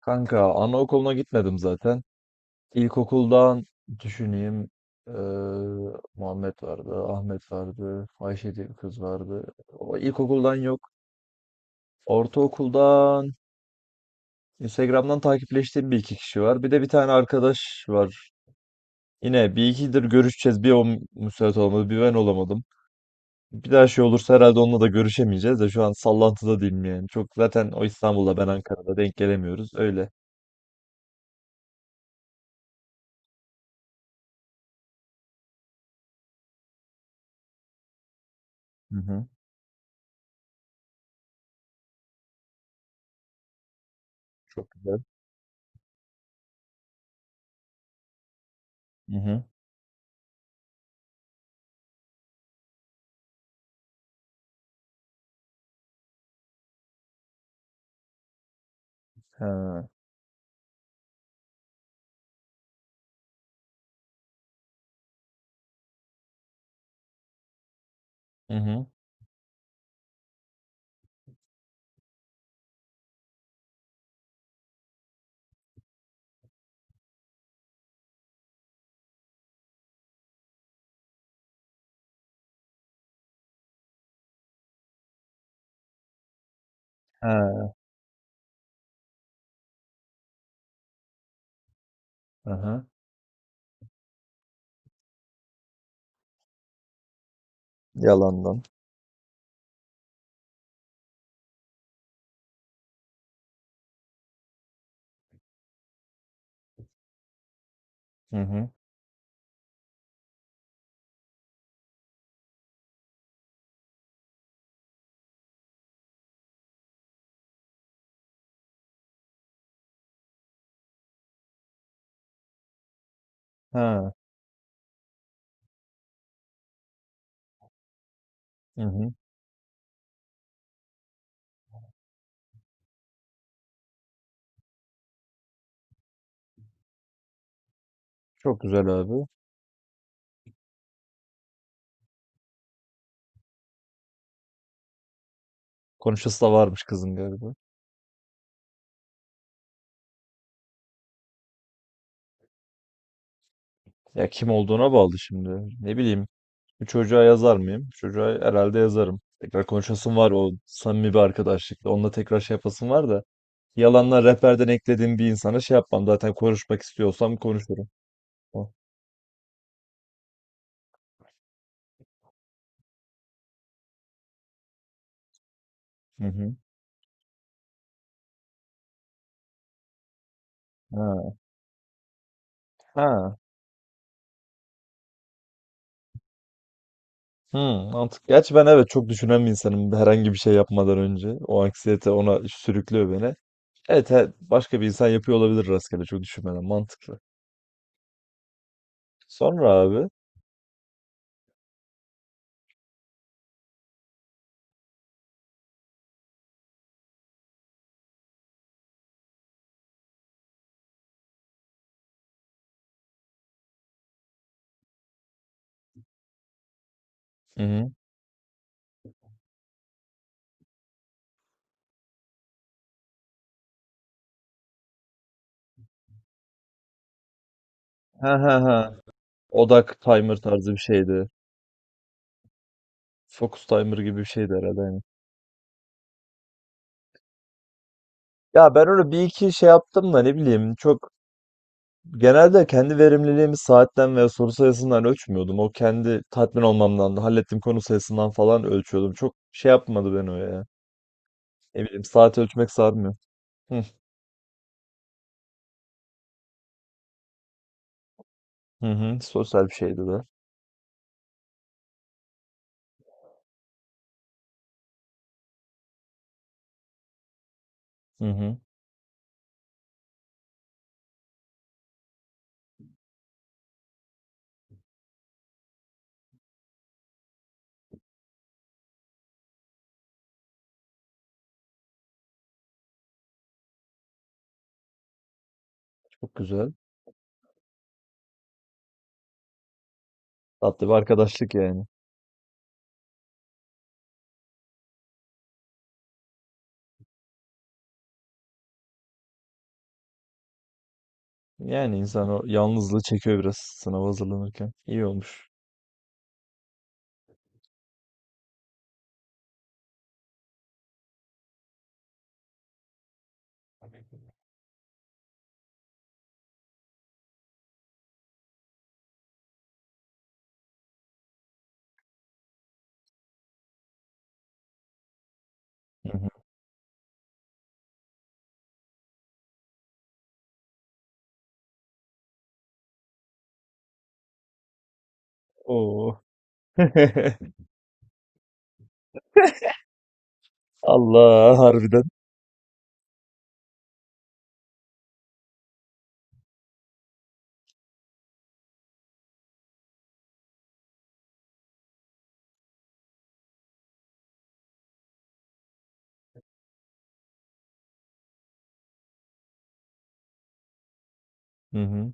Kanka anaokuluna gitmedim zaten. İlkokuldan düşüneyim. eee, Muhammed vardı, Ahmet vardı, Ayşe diye bir kız vardı. O ilkokuldan yok. Ortaokuldan Instagram'dan takipleştiğim bir iki kişi var. Bir de bir tane arkadaş var. Yine bir ikidir görüşeceğiz. Bir müsait olmadı, bir ben olamadım. Bir daha şey olursa herhalde onunla da görüşemeyeceğiz de şu an sallantıda değilim yani. Çok zaten o İstanbul'da ben Ankara'da denk gelemiyoruz. Öyle. Hı hı. Çok güzel. Hı hı. Ha. Hı hı. Ha. Aha. Yalandan. Hı hı. Ha. Hı hı. Çok güzel abi. Konuşası da varmış kızın galiba. Ya kim olduğuna bağlı şimdi. Ne bileyim. Bir çocuğa yazar mıyım? Çocuğa herhalde yazarım. Tekrar konuşasım var o samimi bir arkadaşlıkla. Onunla tekrar şey yapasım var da. Yalanlar rehberden eklediğim bir insana şey yapmam. Zaten konuşmak istiyorsam konuşurum. O. Hı hı. Ha. Ha. Hı, mantık. Gerçi ben evet çok düşünen bir insanım herhangi bir şey yapmadan önce. O anksiyete ona sürüklüyor beni. Evet, evet. Başka bir insan yapıyor olabilir rastgele çok düşünmeden. Mantıklı. Sonra abi. Hı hı. Ha ha ha. Odak timer tarzı bir şeydi. Focus timer gibi bir şeydi herhalde. Aynen. Ya ben öyle bir iki şey yaptım da ne bileyim çok genelde kendi verimliliğimi saatten veya soru sayısından ölçmüyordum. O kendi tatmin olmamdan da hallettiğim konu sayısından falan ölçüyordum. Çok şey yapmadı beni o ya. Ne bileyim saat ölçmek sarmıyor. Hı hı. Hı. Sosyal bir şeydi de. Hı hı. Çok güzel. Tatlı bir arkadaşlık yani. Yani insan o yalnızlığı çekiyor biraz sınava hazırlanırken. İyi olmuş. Hı hı. Oo. Allah harbiden. Hı hı.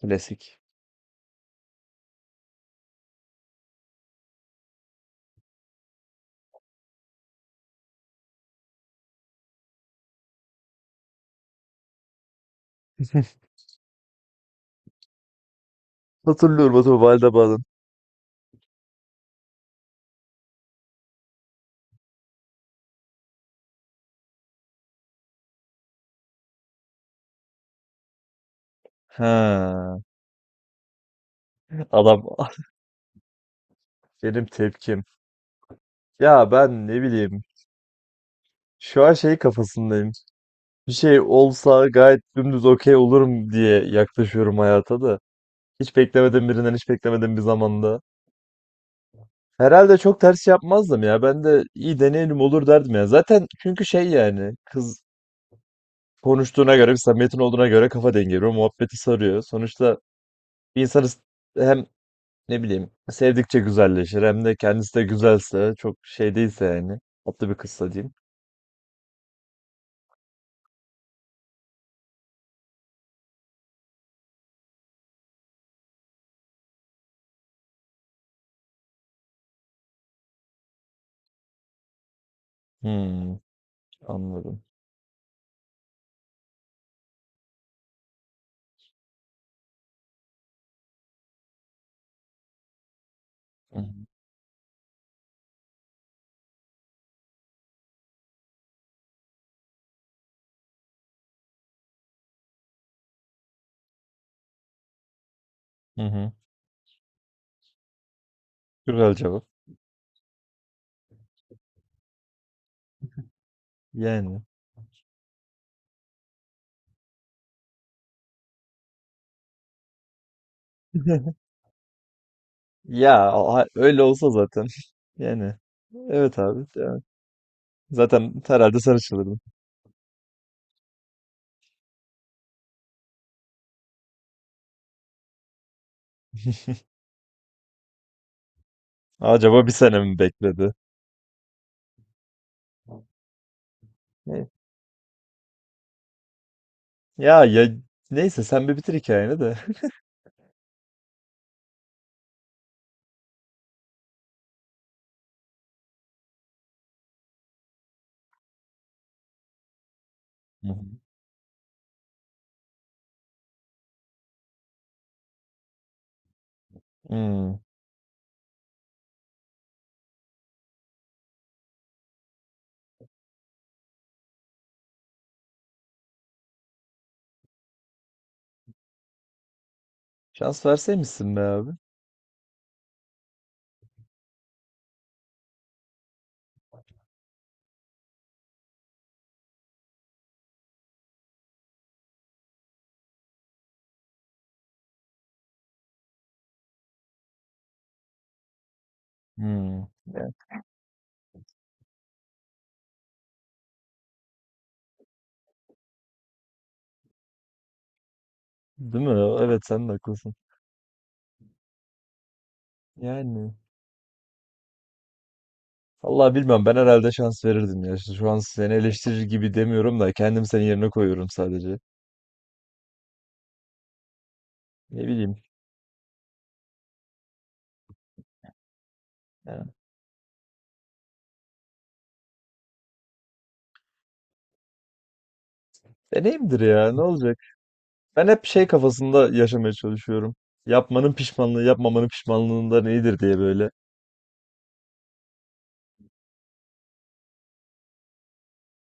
Klasik. Hatırlıyorum o valide bağlan. Ha. Adam ah benim tepkim. Ya ben ne bileyim. Şu an şey kafasındayım. Bir şey olsa gayet dümdüz okey olurum diye yaklaşıyorum hayata da. Hiç beklemedim birinden hiç beklemedim bir zamanda. Herhalde çok ters şey yapmazdım ya. Ben de iyi deneyelim olur derdim ya. Zaten çünkü şey yani kız konuştuğuna göre, bir samimiyetin olduğuna göre kafa dengi veriyor. Muhabbeti sarıyor. Sonuçta bir hem ne bileyim sevdikçe güzelleşir hem de kendisi de güzelse çok şey değilse yani tatlı bir kızsa diyeyim. Hmm, anladım. Hı hı. Hı hı. Güzel cevap. Yani. Öyle olsa zaten. Yani. Evet abi. Zaten herhalde sen açılırdın. Acaba bir sene mi bekledi? Ne- Ya ya neyse sen bir bitir hikayeni de. Hı hı. Hmm. Şans verseymişsin be abi. Hmm. Ya, değil mi? Evet sen de haklısın. Yani. Vallahi bilmem ben herhalde şans verirdim ya. Şu an seni eleştirir gibi demiyorum da kendim senin yerine koyuyorum sadece. Ne bileyim. Ya. Deneyimdir ya ne olacak? Ben hep şey kafasında yaşamaya çalışıyorum. Yapmanın pişmanlığı yapmamanın pişmanlığından iyidir diye böyle.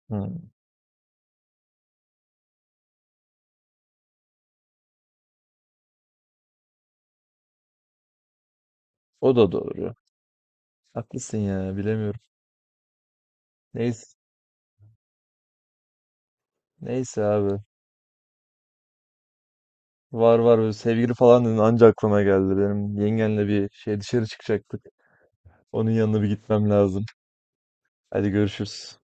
Hı. O da doğru. Haklısın ya bilemiyorum. Neyse, neyse abi. Var var böyle sevgili falan dedin anca aklıma geldi. Benim yengenle bir şey dışarı çıkacaktık. Onun yanına bir gitmem lazım. Hadi görüşürüz.